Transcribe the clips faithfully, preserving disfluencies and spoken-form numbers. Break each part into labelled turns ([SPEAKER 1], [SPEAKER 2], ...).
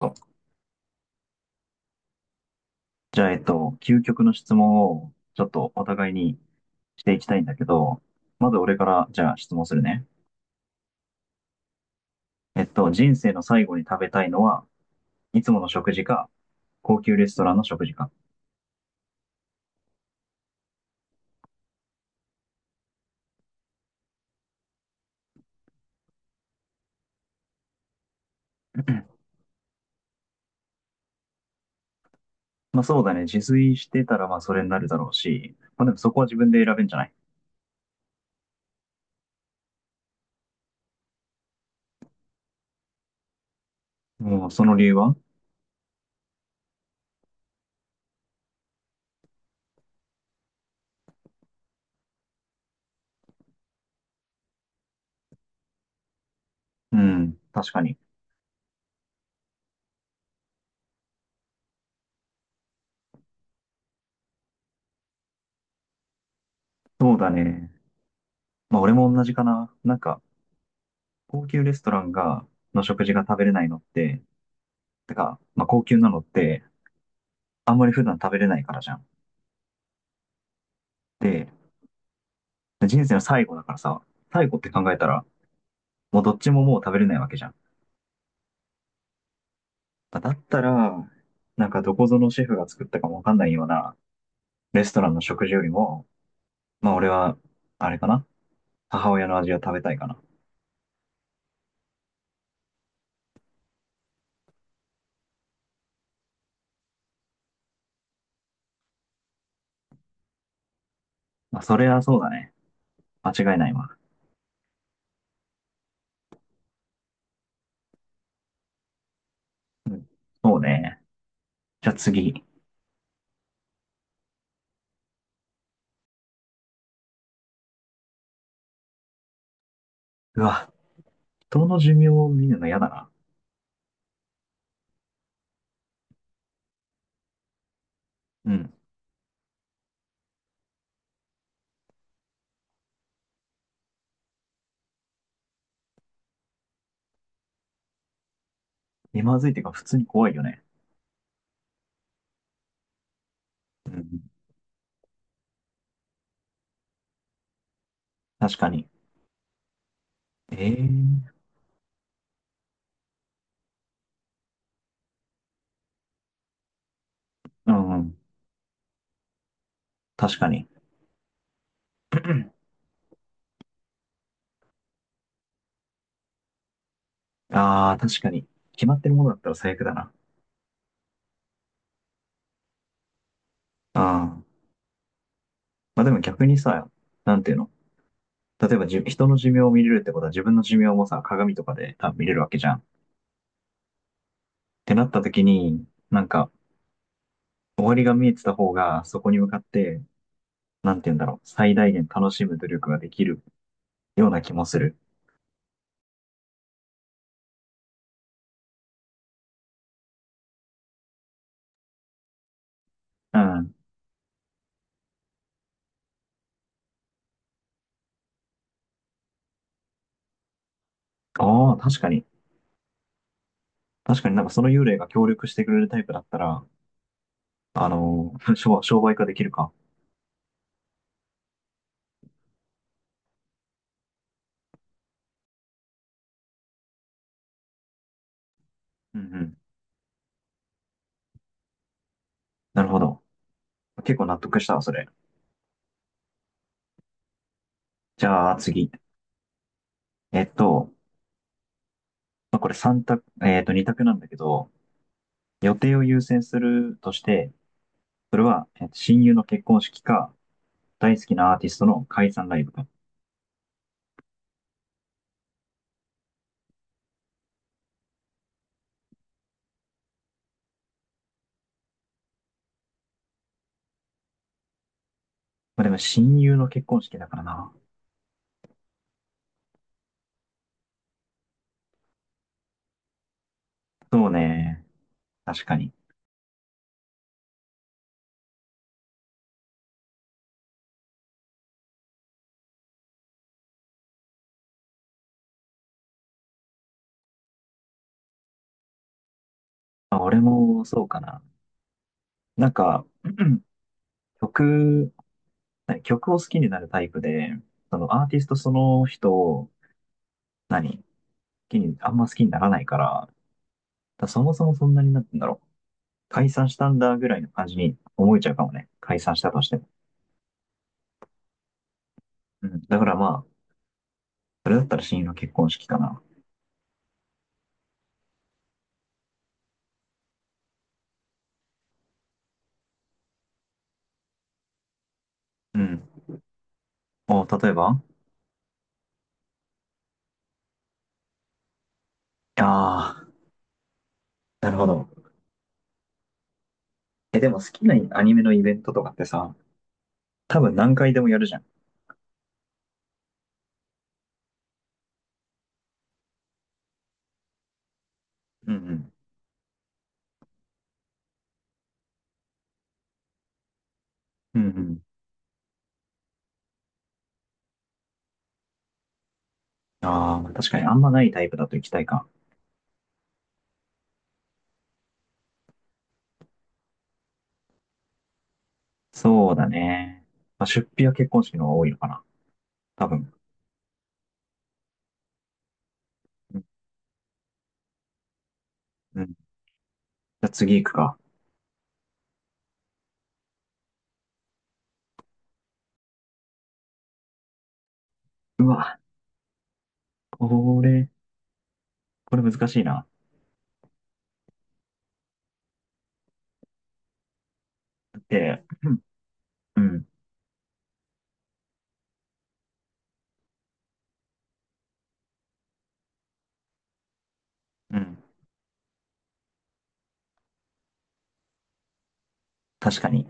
[SPEAKER 1] とじゃあ、えっと、究極の質問をちょっとお互いにしていきたいんだけど、まず俺からじゃあ質問するね。えっと、人生の最後に食べたいのは、いつもの食事か、高級レストランの食事か。まあそうだね。自炊してたらまあそれになるだろうし、まあでもそこは自分で選べんじゃない？もうその理由は？うん、確かに。そうだね。まあ俺も同じかな。なんか、高級レストランが、の食事が食べれないのって、てか、まあ高級なのって、あんまり普段食べれないからじゃん。で、人生の最後だからさ、最後って考えたら、もうどっちももう食べれないわけじゃん。だったら、なんかどこぞのシェフが作ったかもわかんないようなレストランの食事よりも、まあ俺は、あれかな、母親の味を食べたいかな。まあそれはそうだね。間違いないわ。うん。そうね。じゃあ次。うわ、人の寿命を見るの嫌だな。うん。気まずいっていうか普通に怖いよね。うん。確かに。ええー。うんうん。確かに。ああ、確かに。決まってるものだったら最悪だな。ああ。まあでも逆にさ、なんていうの、例えばじゅ人の寿命を見れるってことは自分の寿命もさ、鏡とかで多分見れるわけじゃん。ってなった時に、なんか、終わりが見えてた方が、そこに向かって、なんていうんだろう、最大限楽しむ努力ができるような気もする。うん。ああ、確かに。確かになんかその幽霊が協力してくれるタイプだったら、あのー 商商売化できるか。うんうん。なるほど。結構納得したわ、それ。じゃあ次。えっと、まあ、これ三択、えっと、に択なんだけど、予定を優先するとして、それは、えーと親友の結婚式か、大好きなアーティストの解散ライブか。まあ、でも親友の結婚式だからな。そうね。確かに。まあ、俺もそうかな。なんか、曲、何曲を好きになるタイプで、そのアーティストその人を、何好きに、あんま好きにならないから、だそもそもそんなになってんだろう。解散したんだぐらいの感じに思えちゃうかもね。解散したとしても。うん。だからまあ、それだったら親友の結婚式かな。うん。お、例えば？ああ、なるほど。え、でも好きなアニメのイベントとかってさ、多分何回でもやるじゃん。うんうん。うんうん。ああ、確かにあんまないタイプだと行きたいか。そうだね。まあ、出費は結婚式の方が多いのかな。多分。うんうん。じゃあ次行くか。うわ、これ、これ難しいな。で、うん、うん。うん、確かに。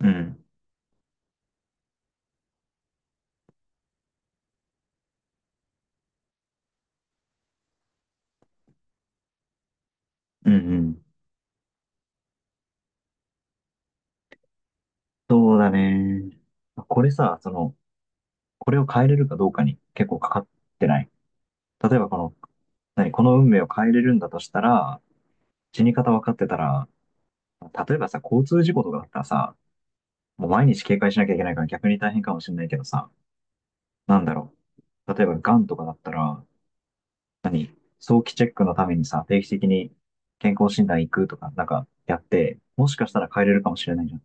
[SPEAKER 1] うん。うんうん。そうだね。これさ、その、これを変えれるかどうかに結構かかってない？例えばこの、何、この運命を変えれるんだとしたら、死に方分かってたら、例えばさ、交通事故とかだったらさ、もう毎日警戒しなきゃいけないから逆に大変かもしれないけどさ、なんだろう。例えば癌とかだったら、何、早期チェックのためにさ、定期的に健康診断行くとか、なんかやって、もしかしたら変えれるかもしれないじゃん。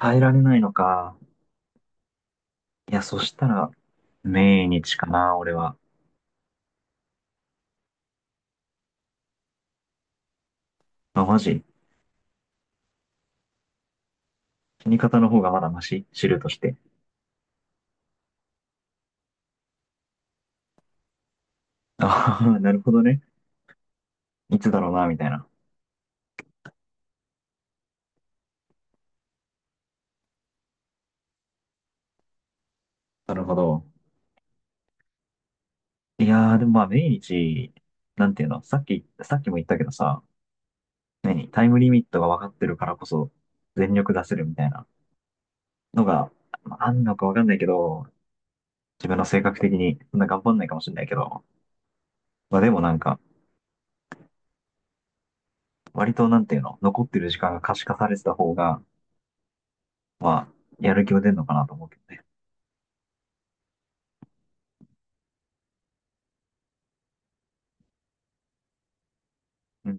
[SPEAKER 1] 変えられないのか。いや、そしたら、命日かな、俺は。あ、マジ？死に方の方がまだマシ知るとして。ああ、なるほどね。いつだろうな、みたいな。なるほど。いやー、でもまあ、命日、なんていうの、さっき、さっきも言ったけどさ、何、タイムリミットが分かってるからこそ、全力出せるみたいなのが、まああんのか分かんないけど、自分の性格的に、そんな頑張んないかもしれないけど、まあでもなんか、割となんていうの、残ってる時間が可視化されてた方が、まあ、やる気は出るのかなと思うけどね。うん、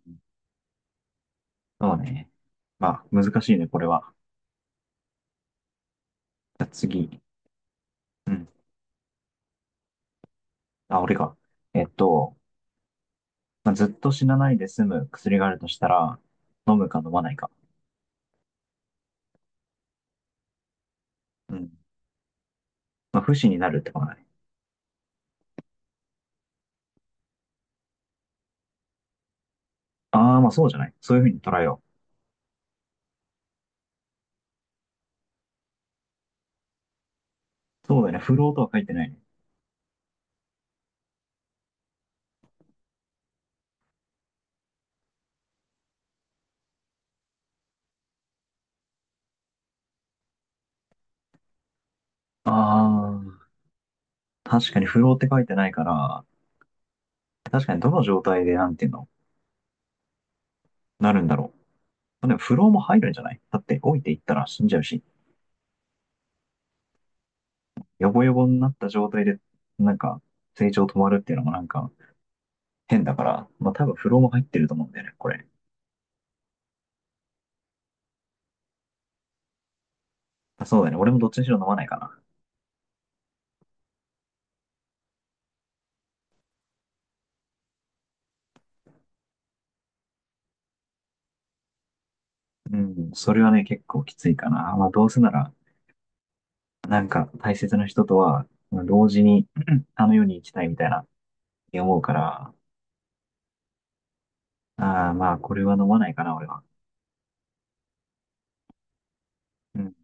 [SPEAKER 1] そうね。まあ、難しいね、これは。じゃあ次。うん。あ、俺か。えっと、まあ、ずっと死なないで済む薬があるとしたら、飲むか飲まないか。うん。まあ、不死になるってことだね。ああ、まあそうじゃない。そういうふうに捉えよう。そうだよね。不老とは書いてないね。ああ、確かに不老って書いてないから、確かにどの状態でなんていうの、なるんだろう。でも不老も入るんじゃない？だって老いていったら死んじゃうし、ヨボヨボになった状態で、なんか、成長止まるっていうのもなんか、変だから、まあ多分フローも入ってると思うんだよね、これ。あ、そうだね。俺もどっちにしろ飲まないかな。うん、それはね、結構きついかな。まあどうせなら、なんか大切な人とは、まあ同時に あの世に行きたいみたいな、思うから、ああ、まあこれは飲まないかな、俺は。うん